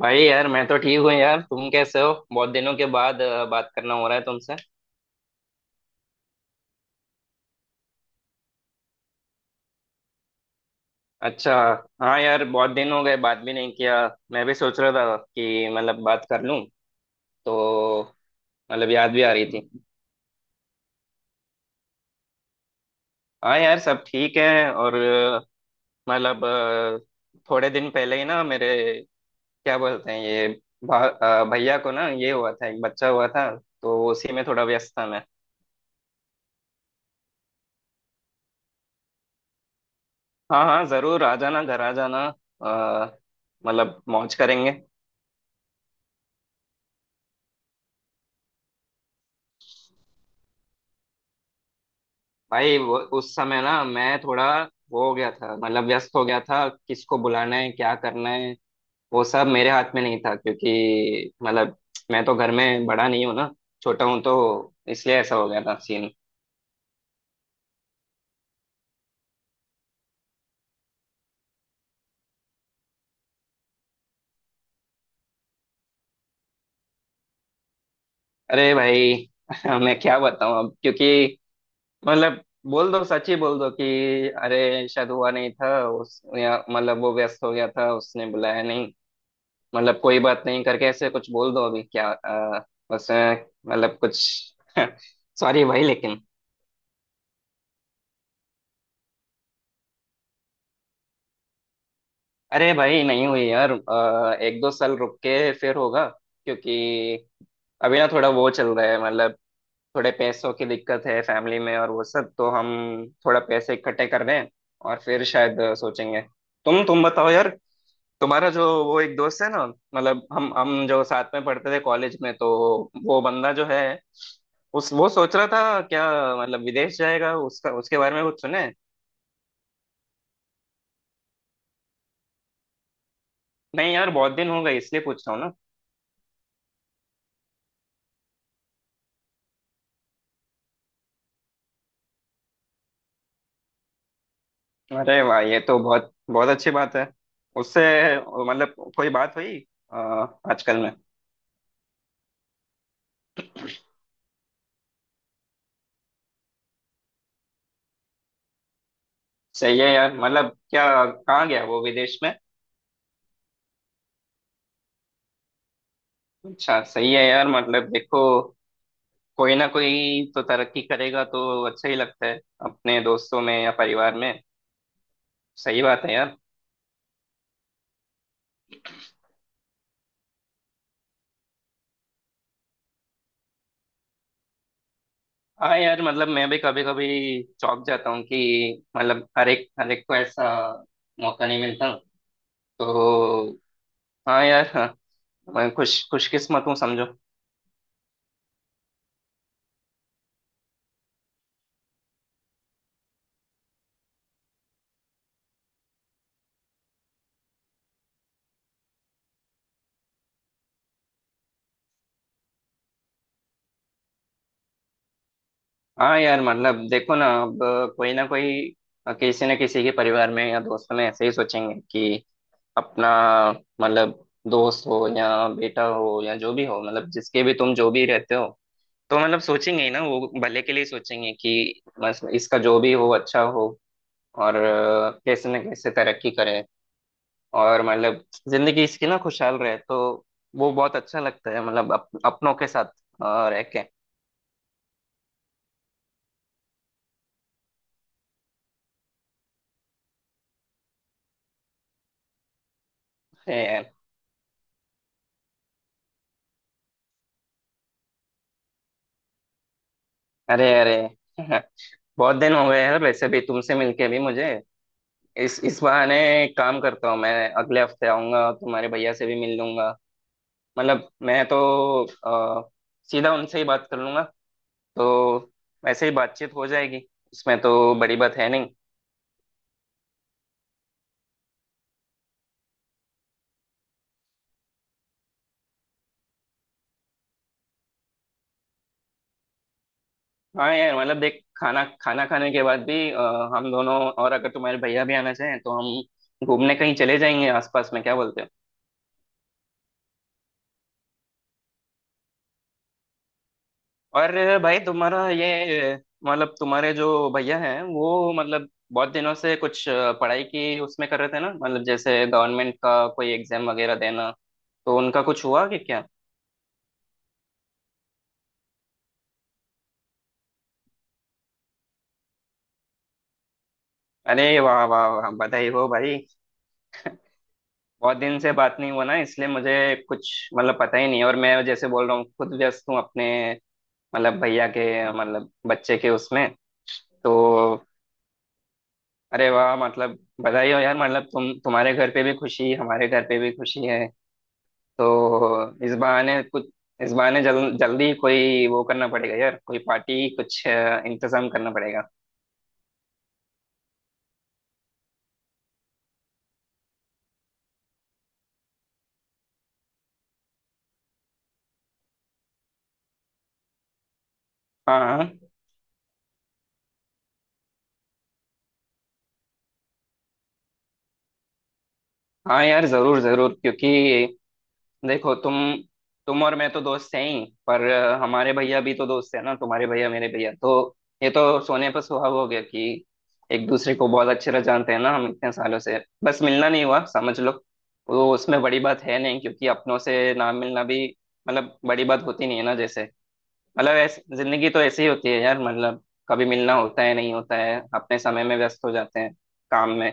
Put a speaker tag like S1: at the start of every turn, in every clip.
S1: भाई यार, मैं तो ठीक हूँ यार। तुम कैसे हो? बहुत दिनों के बाद बात करना हो रहा है तुमसे। अच्छा। हाँ यार, बहुत दिन हो गए, बात भी नहीं किया। मैं भी सोच रहा था कि मतलब बात कर लूँ तो। मतलब याद भी आ रही थी। हाँ यार, सब ठीक है। और मतलब थोड़े दिन पहले ही ना मेरे, क्या बोलते हैं ये, भा, भैया को ना ये हुआ था, एक बच्चा हुआ था। तो उसी में थोड़ा व्यस्त था मैं। हाँ हाँ, जरूर आ जाना, घर आ जाना। अ, मतलब मौज करेंगे। भाई, वो उस समय ना मैं थोड़ा वो हो गया था, मतलब व्यस्त हो गया था। किसको बुलाना है, क्या करना है, वो सब मेरे हाथ में नहीं था। क्योंकि मतलब मैं तो घर में बड़ा नहीं हूँ ना, छोटा हूँ। तो इसलिए ऐसा हो गया था सीन। अरे भाई। मैं क्या बताऊँ अब, क्योंकि मतलब बोल दो, सच ही बोल दो कि अरे शायद हुआ नहीं था उस, या मतलब वो व्यस्त हो गया था, उसने बुलाया नहीं। मतलब कोई बात नहीं, करके ऐसे कुछ बोल दो अभी। क्या बस मतलब कुछ। सॉरी भाई, लेकिन। अरे भाई, नहीं हुई यार। एक दो साल रुक के फिर होगा। क्योंकि अभी ना थोड़ा वो चल रहा है, मतलब थोड़े पैसों की दिक्कत है फैमिली में। और वो सब तो हम थोड़ा पैसे इकट्ठे कर रहे हैं। और फिर शायद सोचेंगे। तुम बताओ यार। तुम्हारा जो वो एक दोस्त है ना, मतलब हम जो साथ में पढ़ते थे कॉलेज में, तो वो बंदा जो है, उस वो सोच रहा था क्या मतलब विदेश जाएगा, उसका उसके बारे में कुछ सुने? नहीं यार, बहुत दिन हो गए, इसलिए पूछ रहा हूँ ना। अरे वाह, ये तो बहुत बहुत अच्छी बात है। उससे मतलब कोई बात हुई अ, आजकल में? सही है यार, मतलब क्या, कहाँ गया वो विदेश में? अच्छा, सही है यार। मतलब देखो, कोई ना कोई तो तरक्की करेगा, तो अच्छा ही लगता है, अपने दोस्तों में या परिवार में। सही बात है यार। हाँ यार, मतलब मैं भी कभी कभी चौंक जाता हूँ कि मतलब हर एक को ऐसा मौका नहीं मिलता। तो हाँ यार, हाँ, मैं खुशकिस्मत हूँ समझो। हाँ यार, मतलब देखो ना अब, कोई ना कोई, किसी न किसी के परिवार में या दोस्तों में ऐसे ही सोचेंगे कि अपना, मतलब दोस्त हो या बेटा हो या जो भी हो, मतलब जिसके भी तुम जो भी रहते हो, तो मतलब सोचेंगे ही ना, वो भले के लिए सोचेंगे कि बस इसका जो भी हो अच्छा हो। और कैसे न कैसे तरक्की करे। और मतलब जिंदगी इसकी ना खुशहाल रहे, तो वो बहुत अच्छा लगता है। मतलब अपनों के साथ और रह के। अरे अरे अरे। बहुत दिन हो गए हैं वैसे भी तुमसे मिलके भी मुझे। इस बहाने एक काम करता हूँ, मैं अगले हफ्ते आऊंगा, तुम्हारे भैया से भी मिल लूंगा। मतलब मैं तो अ, सीधा उनसे ही बात कर लूंगा, तो वैसे ही बातचीत हो जाएगी। इसमें तो बड़ी बात है नहीं। हाँ यार, मतलब देख, खाना खाना खाने के बाद भी हम दोनों, और अगर तुम्हारे भैया भी आना चाहें तो हम घूमने कहीं चले जाएंगे आसपास में। क्या बोलते हो? और भाई, तुम्हारा ये मतलब तुम्हारे जो भैया हैं वो, मतलब बहुत दिनों से कुछ पढ़ाई की उसमें कर रहे थे ना, मतलब जैसे गवर्नमेंट का कोई एग्जाम वगैरह देना। तो उनका कुछ हुआ कि क्या? अरे वाह वाह वाह, बधाई हो भाई। बहुत दिन से बात नहीं हुआ ना, इसलिए मुझे कुछ मतलब पता ही नहीं। और मैं जैसे बोल रहा हूँ, खुद व्यस्त हूँ अपने मतलब भैया के, मतलब बच्चे के उसमें। तो अरे वाह, मतलब बधाई हो यार। मतलब तुम, तुम्हारे घर पे भी खुशी, हमारे घर पे भी खुशी है। तो इस बहाने कुछ, इस बहाने जल्दी ही कोई वो करना पड़ेगा यार, कोई पार्टी, कुछ इंतजाम करना पड़ेगा। हाँ हाँ। हाँ यार, जरूर जरूर, क्योंकि देखो तुम और मैं तो दोस्त हैं ही, पर हमारे भैया भी तो दोस्त है ना, तुम्हारे भैया मेरे भैया तो। ये तो सोने पर सुहाग हो गया कि एक दूसरे को बहुत अच्छे तरह जानते हैं ना हम इतने सालों से। बस मिलना नहीं हुआ समझ लो। वो उसमें बड़ी बात है नहीं, क्योंकि अपनों से ना मिलना भी मतलब बड़ी बात होती नहीं है ना, जैसे मतलब ऐसे। जिंदगी तो ऐसी ही होती है यार, मतलब कभी मिलना होता है, नहीं होता है, अपने समय में व्यस्त हो जाते हैं काम में।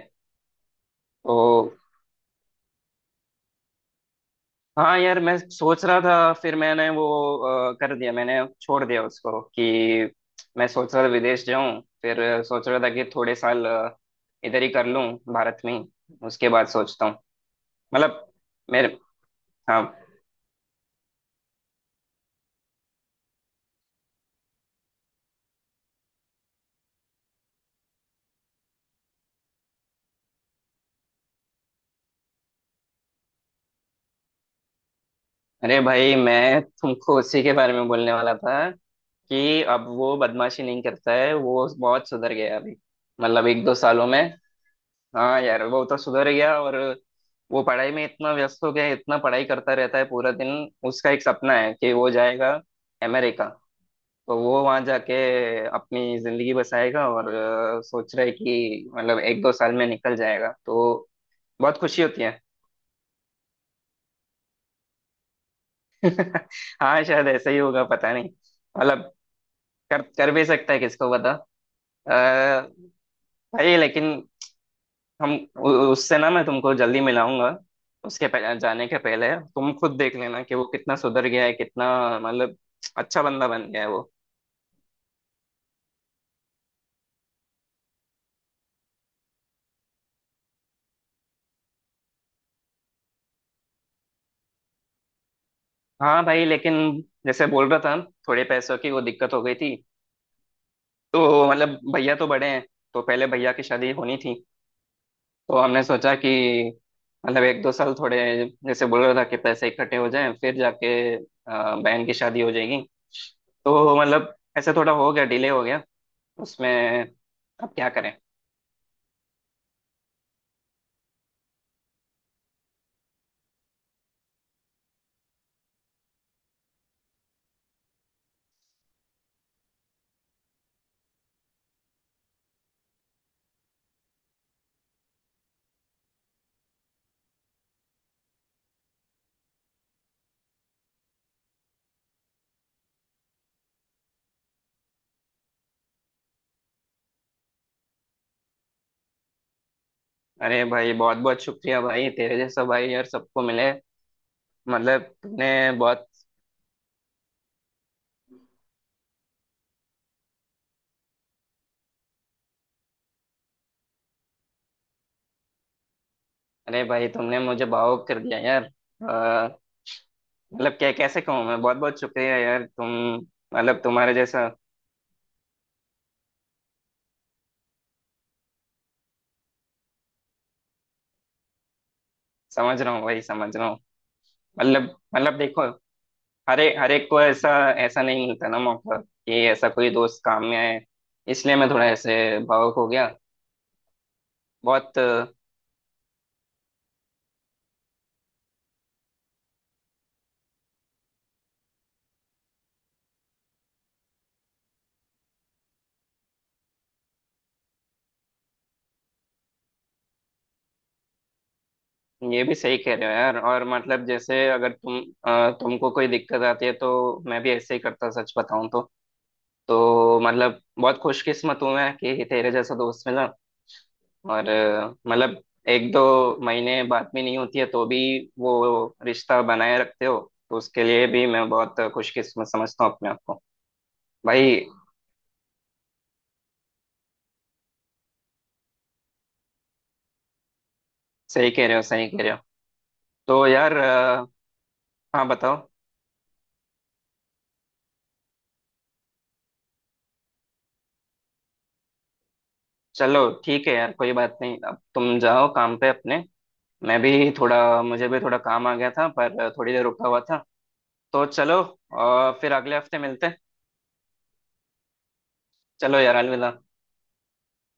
S1: तो। हाँ यार, मैं सोच रहा था, फिर मैंने वो कर दिया, मैंने छोड़ दिया उसको कि मैं सोच रहा था विदेश जाऊं। फिर सोच रहा था कि थोड़े साल इधर ही कर लूं, भारत में ही। उसके बाद सोचता हूँ, मतलब मेरे। हाँ। अरे भाई, मैं तुमको उसी के बारे में बोलने वाला था कि अब वो बदमाशी नहीं करता है, वो बहुत सुधर गया है अभी। मतलब एक दो सालों में। हाँ यार, वो तो सुधर गया। और वो पढ़ाई में इतना व्यस्त हो गया है, इतना पढ़ाई करता रहता है पूरा दिन। उसका एक सपना है कि वो जाएगा अमेरिका। तो वो वहां जाके अपनी जिंदगी बसाएगा, और सोच रहा है कि मतलब एक दो साल में निकल जाएगा। तो बहुत खुशी होती है। हाँ, शायद ऐसा ही होगा, पता नहीं। मतलब कर कर भी सकता है, किसको पता। अ, भाई लेकिन हम, उससे ना मैं तुमको जल्दी मिलाऊंगा। उसके जाने के पहले तुम खुद देख लेना कि वो कितना सुधर गया है, कितना मतलब अच्छा बंदा बन गया है वो। हाँ भाई, लेकिन जैसे बोल रहा था, थोड़े पैसों की वो दिक्कत हो गई थी। तो मतलब भैया तो बड़े हैं, तो पहले भैया की शादी होनी थी। तो हमने सोचा कि मतलब एक दो साल, थोड़े, जैसे बोल रहा था, कि पैसे इकट्ठे हो जाएं, फिर जाके अ, बहन की शादी हो जाएगी। तो मतलब ऐसे थोड़ा हो गया, डिले हो गया उसमें। अब क्या करें। अरे भाई, बहुत बहुत शुक्रिया भाई, तेरे जैसा भाई यार सबको मिले। मतलब तुमने बहुत। अरे भाई, तुमने मुझे भावुक कर दिया यार। मतलब क्या, कैसे कहूँ, मैं बहुत बहुत शुक्रिया यार, तुम। मतलब तुम्हारे जैसा। समझ रहा हूँ भाई, समझ रहा हूँ। मतलब, देखो, हर एक को ऐसा, ऐसा नहीं मिलता ना मौका कि ऐसा कोई दोस्त काम में आए। इसलिए मैं थोड़ा ऐसे भावुक हो गया। बहुत। ये भी सही कह रहे हो यार। और मतलब जैसे, अगर तुम, तुमको कोई दिक्कत आती है तो मैं भी ऐसे ही करता, सच बताऊं तो। तो मतलब बहुत खुशकिस्मत हूं मैं कि तेरे जैसा दोस्त मिला। और मतलब एक दो महीने बात भी नहीं होती है तो भी वो रिश्ता बनाए रखते हो। तो उसके लिए भी मैं बहुत खुशकिस्मत समझता हूँ अपने आप को। भाई। सही कह रहे हो, सही कह रहे हो। तो यार हाँ बताओ। चलो ठीक है यार, कोई बात नहीं, अब तुम जाओ काम पे अपने। मैं भी थोड़ा, मुझे भी थोड़ा काम आ गया था, पर थोड़ी देर रुका हुआ था। तो चलो फिर अगले हफ्ते मिलते हैं। चलो यार, अलविदा।